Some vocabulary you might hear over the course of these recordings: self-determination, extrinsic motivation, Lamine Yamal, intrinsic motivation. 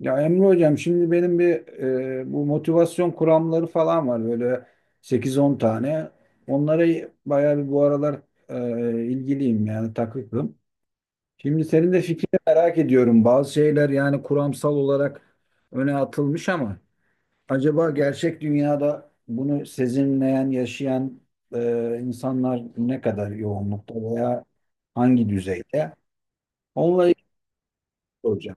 Ya Emre hocam şimdi benim bir bu motivasyon kuramları falan var böyle sekiz on tane. Onlara bayağı bir bu aralar ilgiliyim yani takıklım. Şimdi senin de fikrini merak ediyorum. Bazı şeyler yani kuramsal olarak öne atılmış ama acaba gerçek dünyada bunu sezinleyen, yaşayan insanlar ne kadar yoğunlukta veya hangi düzeyde? Onunla ilgili soracağım.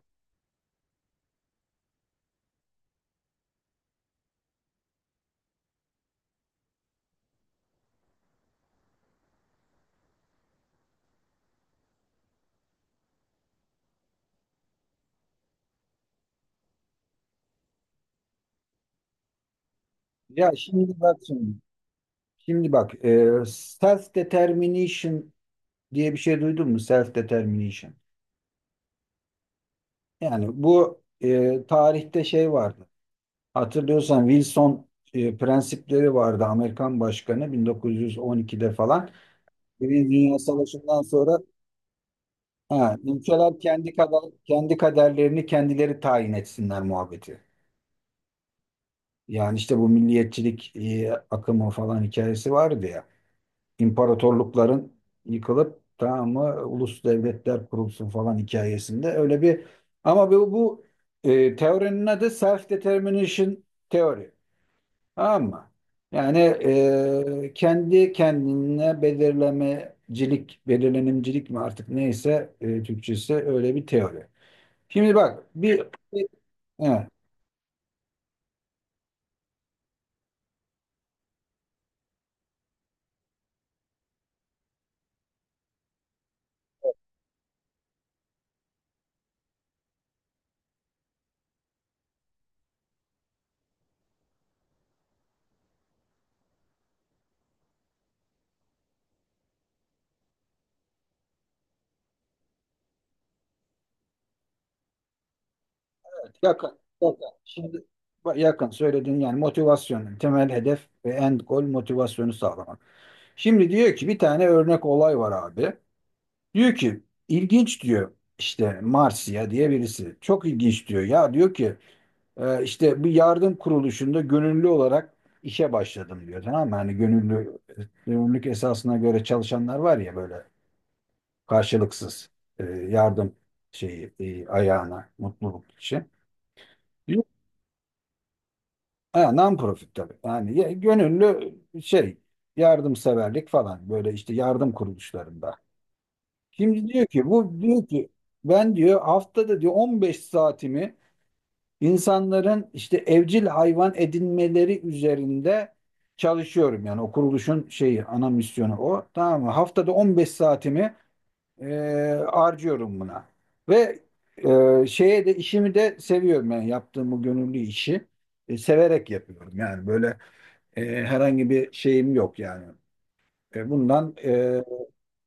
Ya şimdi bak şimdi. Şimdi bak, self determination diye bir şey duydun mu? Self determination. Yani bu tarihte şey vardı. Hatırlıyorsan Wilson prensipleri vardı. Amerikan başkanı 1912'de falan. Birinci Dünya Savaşı'ndan sonra ha, ülkeler kendi kaderlerini kendileri tayin etsinler muhabbeti. Yani işte bu milliyetçilik akımı falan hikayesi vardı ya. İmparatorlukların yıkılıp tamam mı ulus devletler kurulsun falan hikayesinde öyle bir ama bu teorinin adı self determination teori, tamam mı? Yani kendi kendine belirlemecilik, belirlenimcilik mi artık neyse Türkçesi öyle bir teori. Şimdi bak bir evet, yakın, yakın. Şimdi bak, yakın söylediğin yani motivasyonun temel hedef ve end goal motivasyonu sağlamak. Şimdi diyor ki bir tane örnek olay var abi. Diyor ki ilginç diyor işte Marsiya diye birisi. Çok ilginç diyor. Ya diyor ki işte bir yardım kuruluşunda gönüllü olarak işe başladım diyor. Tamam mı? Hani gönüllülük esasına göre çalışanlar var ya böyle karşılıksız yardım şeyi ayağına mutluluk için. Diyor, ha, non-profit tabii. Yani gönüllü şey yardımseverlik falan böyle işte yardım kuruluşlarında. Şimdi diyor ki bu diyor ki ben diyor haftada diyor 15 saatimi insanların işte evcil hayvan edinmeleri üzerinde çalışıyorum. Yani o kuruluşun şeyi ana misyonu o. Tamam mı? Haftada 15 saatimi e, harcıyorum buna. Ve şeye de işimi de seviyorum yani yaptığım bu gönüllü işi severek yapıyorum. Yani böyle herhangi bir şeyim yok yani. Bundan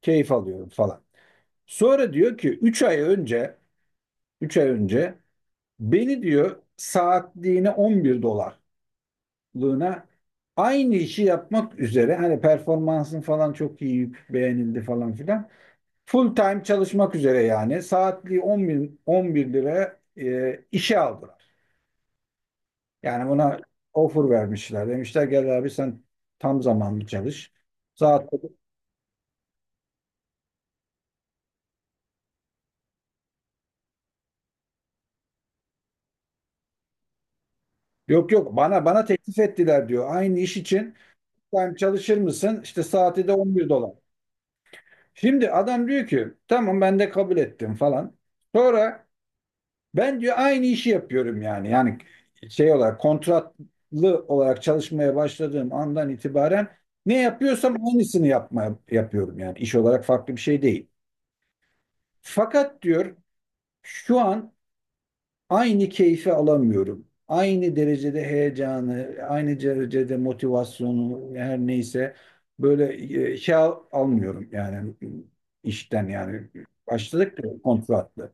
keyif alıyorum falan. Sonra diyor ki üç ay önce beni diyor saatliğine 11 dolarlığına aynı işi yapmak üzere hani performansın falan çok iyi beğenildi falan filan full time çalışmak üzere yani saatliği 11, 11 lira işe aldılar. Yani buna offer vermişler. Demişler gel abi sen tam zamanlı çalış. Saat Yok, yok, bana teklif ettiler diyor. Aynı iş için full time çalışır mısın? İşte saati de 11 dolar. Şimdi adam diyor ki tamam, ben de kabul ettim falan. Sonra ben diyor aynı işi yapıyorum yani. Yani şey olarak kontratlı olarak çalışmaya başladığım andan itibaren ne yapıyorsam aynısını yapıyorum yani. İş olarak farklı bir şey değil. Fakat diyor şu an aynı keyfi alamıyorum. Aynı derecede heyecanı, aynı derecede motivasyonu her neyse böyle şey almıyorum yani işten yani başladık da kontratlı.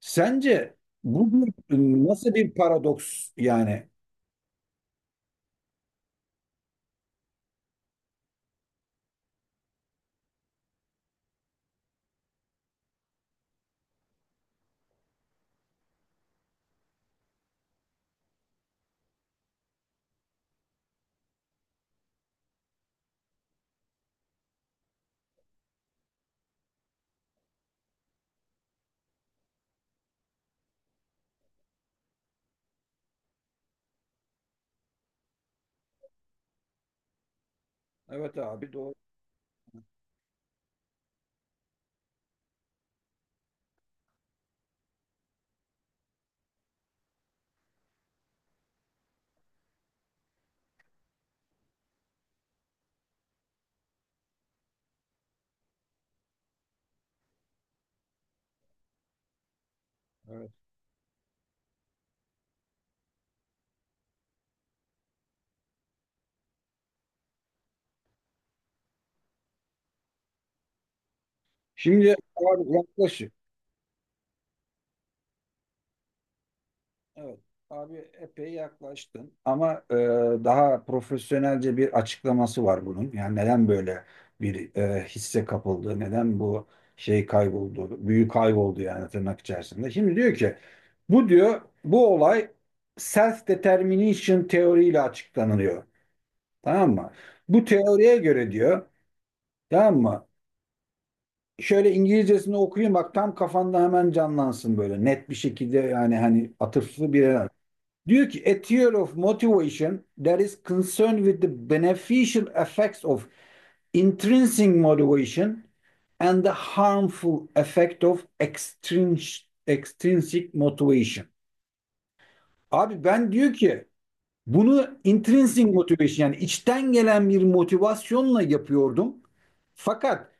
Sence bu nasıl bir paradoks yani? Evet abi, doğru. Evet. Şimdi abi yaklaş. Evet abi, epey yaklaştın ama daha profesyonelce bir açıklaması var bunun. Yani neden böyle bir hisse kapıldı, neden bu şey kayboldu, büyü kayboldu yani tırnak içerisinde. Şimdi diyor ki bu diyor bu olay self-determination teoriyle açıklanıyor. Tamam mı? Bu teoriye göre diyor, tamam mı? Şöyle İngilizcesini okuyayım bak, tam kafanda hemen canlansın böyle net bir şekilde yani hani atıflı bir yer. Diyor ki a theory of motivation that is concerned with the beneficial effects of intrinsic motivation and the harmful effect of extrinsic motivation. Abi ben diyor ki bunu intrinsic motivation yani içten gelen bir motivasyonla yapıyordum. Fakat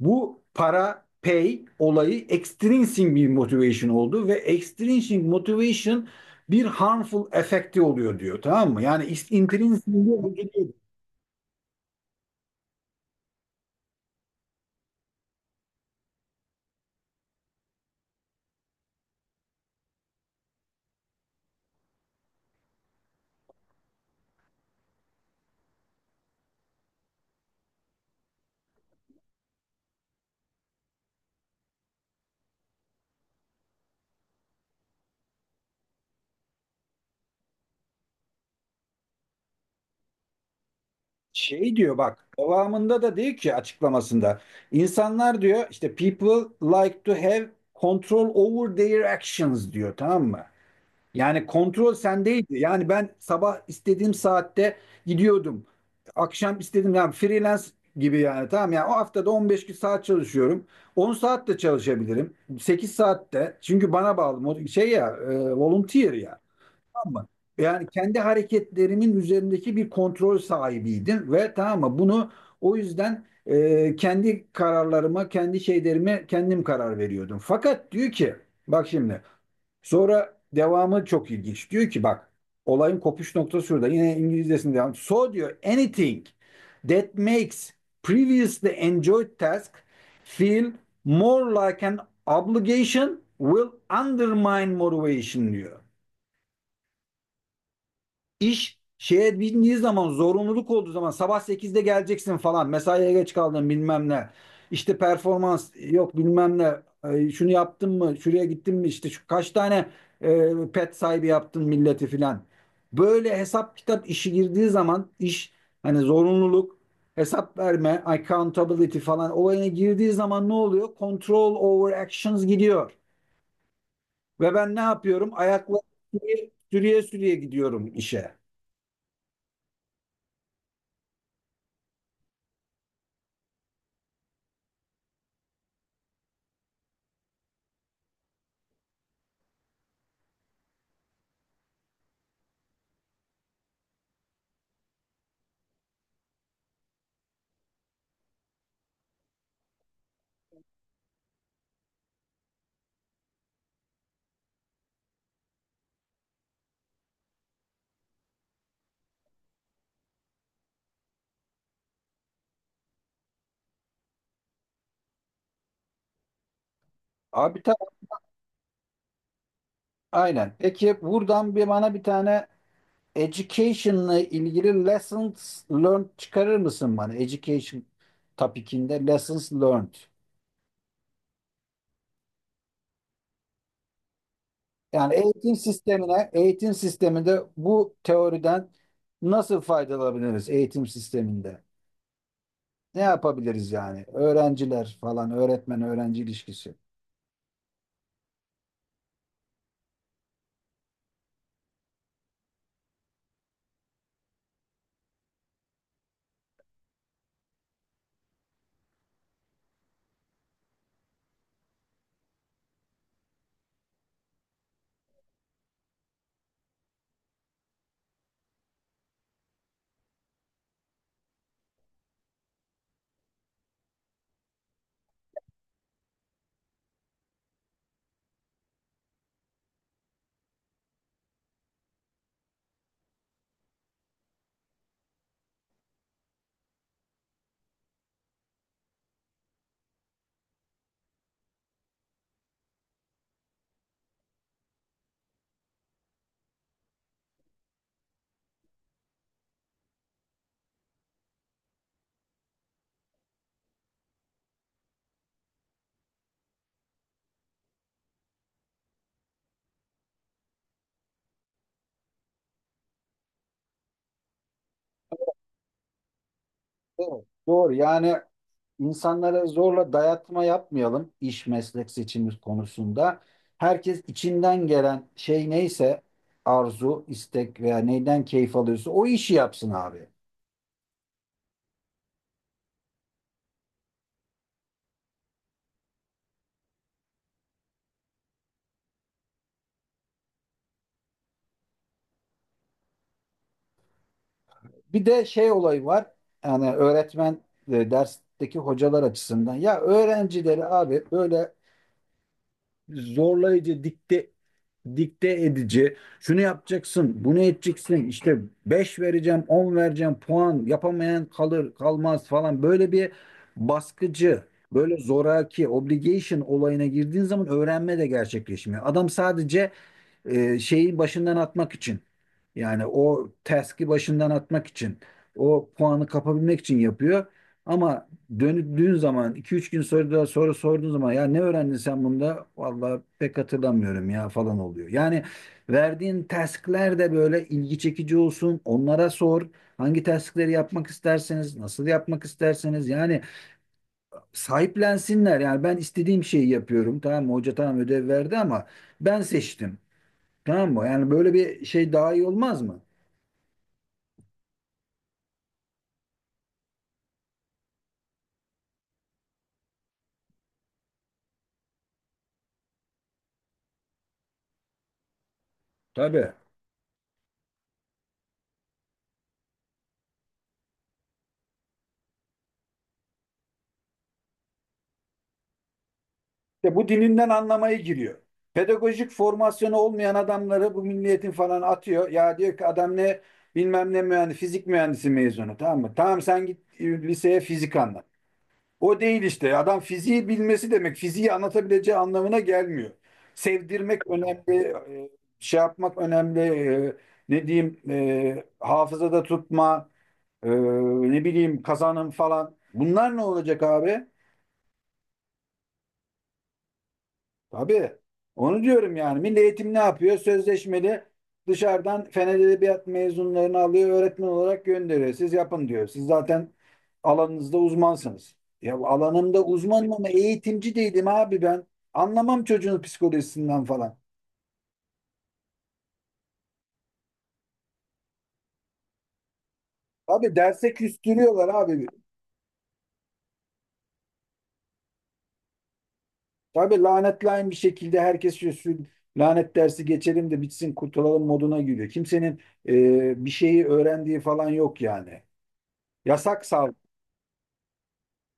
bu para pay olayı extrinsic bir motivation oldu ve extrinsic motivation bir harmful efekti oluyor diyor, tamam mı? Yani intrinsic diyor, bu şey diyor bak devamında da diyor ki açıklamasında insanlar diyor işte people like to have control over their actions diyor, tamam mı? Yani kontrol sendeydi. Yani ben sabah istediğim saatte gidiyordum. Akşam istediğim yani freelance gibi yani tamam yani o haftada 15 gün saat çalışıyorum. 10 saat de çalışabilirim. 8 saat de. Çünkü bana bağlı. Şey ya, volunteer ya. Tamam mı? Yani kendi hareketlerimin üzerindeki bir kontrol sahibiydim ve, tamam mı? Bunu o yüzden kendi kararlarıma, kendi şeylerime kendim karar veriyordum. Fakat diyor ki bak şimdi sonra devamı çok ilginç. Diyor ki bak, olayın kopuş noktası şurada. Yine İngilizcesinde devam. So diyor anything that makes previously enjoyed task feel more like an obligation will undermine motivation diyor. İş şeye bindiği zaman, zorunluluk olduğu zaman, sabah 8'de geleceksin falan, mesaiye geç kaldın bilmem ne, işte performans yok bilmem ne, şunu yaptın mı, şuraya gittin mi, işte şu kaç tane pet sahibi yaptın milleti filan, böyle hesap kitap işi girdiği zaman, iş hani zorunluluk, hesap verme accountability falan olayına girdiği zaman ne oluyor, control over actions gidiyor ve ben ne yapıyorum, ayakları sürüye sürüye sürüye gidiyorum işe. Abi aynen. Peki buradan bir bana bir tane education'la ilgili lessons learned çıkarır mısın bana? Education topic'inde lessons learned. Yani eğitim sisteminde bu teoriden nasıl faydalanabiliriz eğitim sisteminde? Ne yapabiliriz yani? Öğrenciler falan, öğretmen öğrenci ilişkisi. Evet. Doğru. Yani İnsanlara zorla dayatma yapmayalım iş meslek seçimi konusunda. Herkes içinden gelen şey neyse, arzu, istek veya neyden keyif alıyorsa o işi yapsın abi. Bir de şey olayı var. Yani öğretmen ve dersteki hocalar açısından. Ya öğrencileri abi böyle zorlayıcı, dikte edici. Şunu yapacaksın, bunu edeceksin. İşte 5 vereceğim, 10 vereceğim, puan yapamayan kalır, kalmaz falan. Böyle bir baskıcı, böyle zoraki, obligation olayına girdiğin zaman öğrenme de gerçekleşmiyor. Adam sadece şeyi başından atmak için. Yani o task'i başından atmak için, o puanı kapabilmek için yapıyor. Ama döndüğün zaman, iki üç gün sonra da soru sorduğun zaman, ya ne öğrendin sen bunda? Vallahi pek hatırlamıyorum ya falan oluyor. Yani verdiğin task'ler de böyle ilgi çekici olsun. Onlara sor. Hangi task'leri yapmak isterseniz, nasıl yapmak isterseniz yani sahiplensinler. Yani ben istediğim şeyi yapıyorum. Tamam mı? Hoca tamam ödev verdi ama ben seçtim. Tamam mı? Yani böyle bir şey daha iyi olmaz mı? Tabii. İşte bu dininden anlamaya giriyor. Pedagojik formasyonu olmayan adamları bu milliyetin falan atıyor. Ya diyor ki adam ne bilmem ne mühendis, fizik mühendisi mezunu, tamam mı? Tamam sen git liseye fizik anlat. O değil işte. Adam fiziği bilmesi demek fiziği anlatabileceği anlamına gelmiyor. Sevdirmek önemli, şey yapmak önemli, ne diyeyim, hafızada tutma, Ee, ne bileyim kazanım falan. Bunlar ne olacak abi? Tabii. Onu diyorum yani. Milli Eğitim ne yapıyor? Sözleşmeli dışarıdan Fen Edebiyat mezunlarını alıyor, öğretmen olarak gönderiyor. Siz yapın diyor. Siz zaten alanınızda uzmansınız. Ya alanımda uzmanım ama eğitimci değilim abi ben. Anlamam çocuğun psikolojisinden falan. Abi derse küstürüyorlar abi. Tabii lanetlayın bir şekilde herkes şu lanet dersi geçelim de bitsin kurtulalım moduna giriyor. Kimsenin bir şeyi öğrendiği falan yok yani. Yasak sal,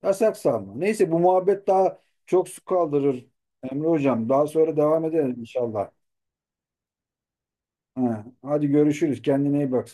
yasak salma. Neyse bu muhabbet daha çok su kaldırır Emre Hocam. Daha sonra devam edelim inşallah. Ha, hadi görüşürüz. Kendine iyi bak.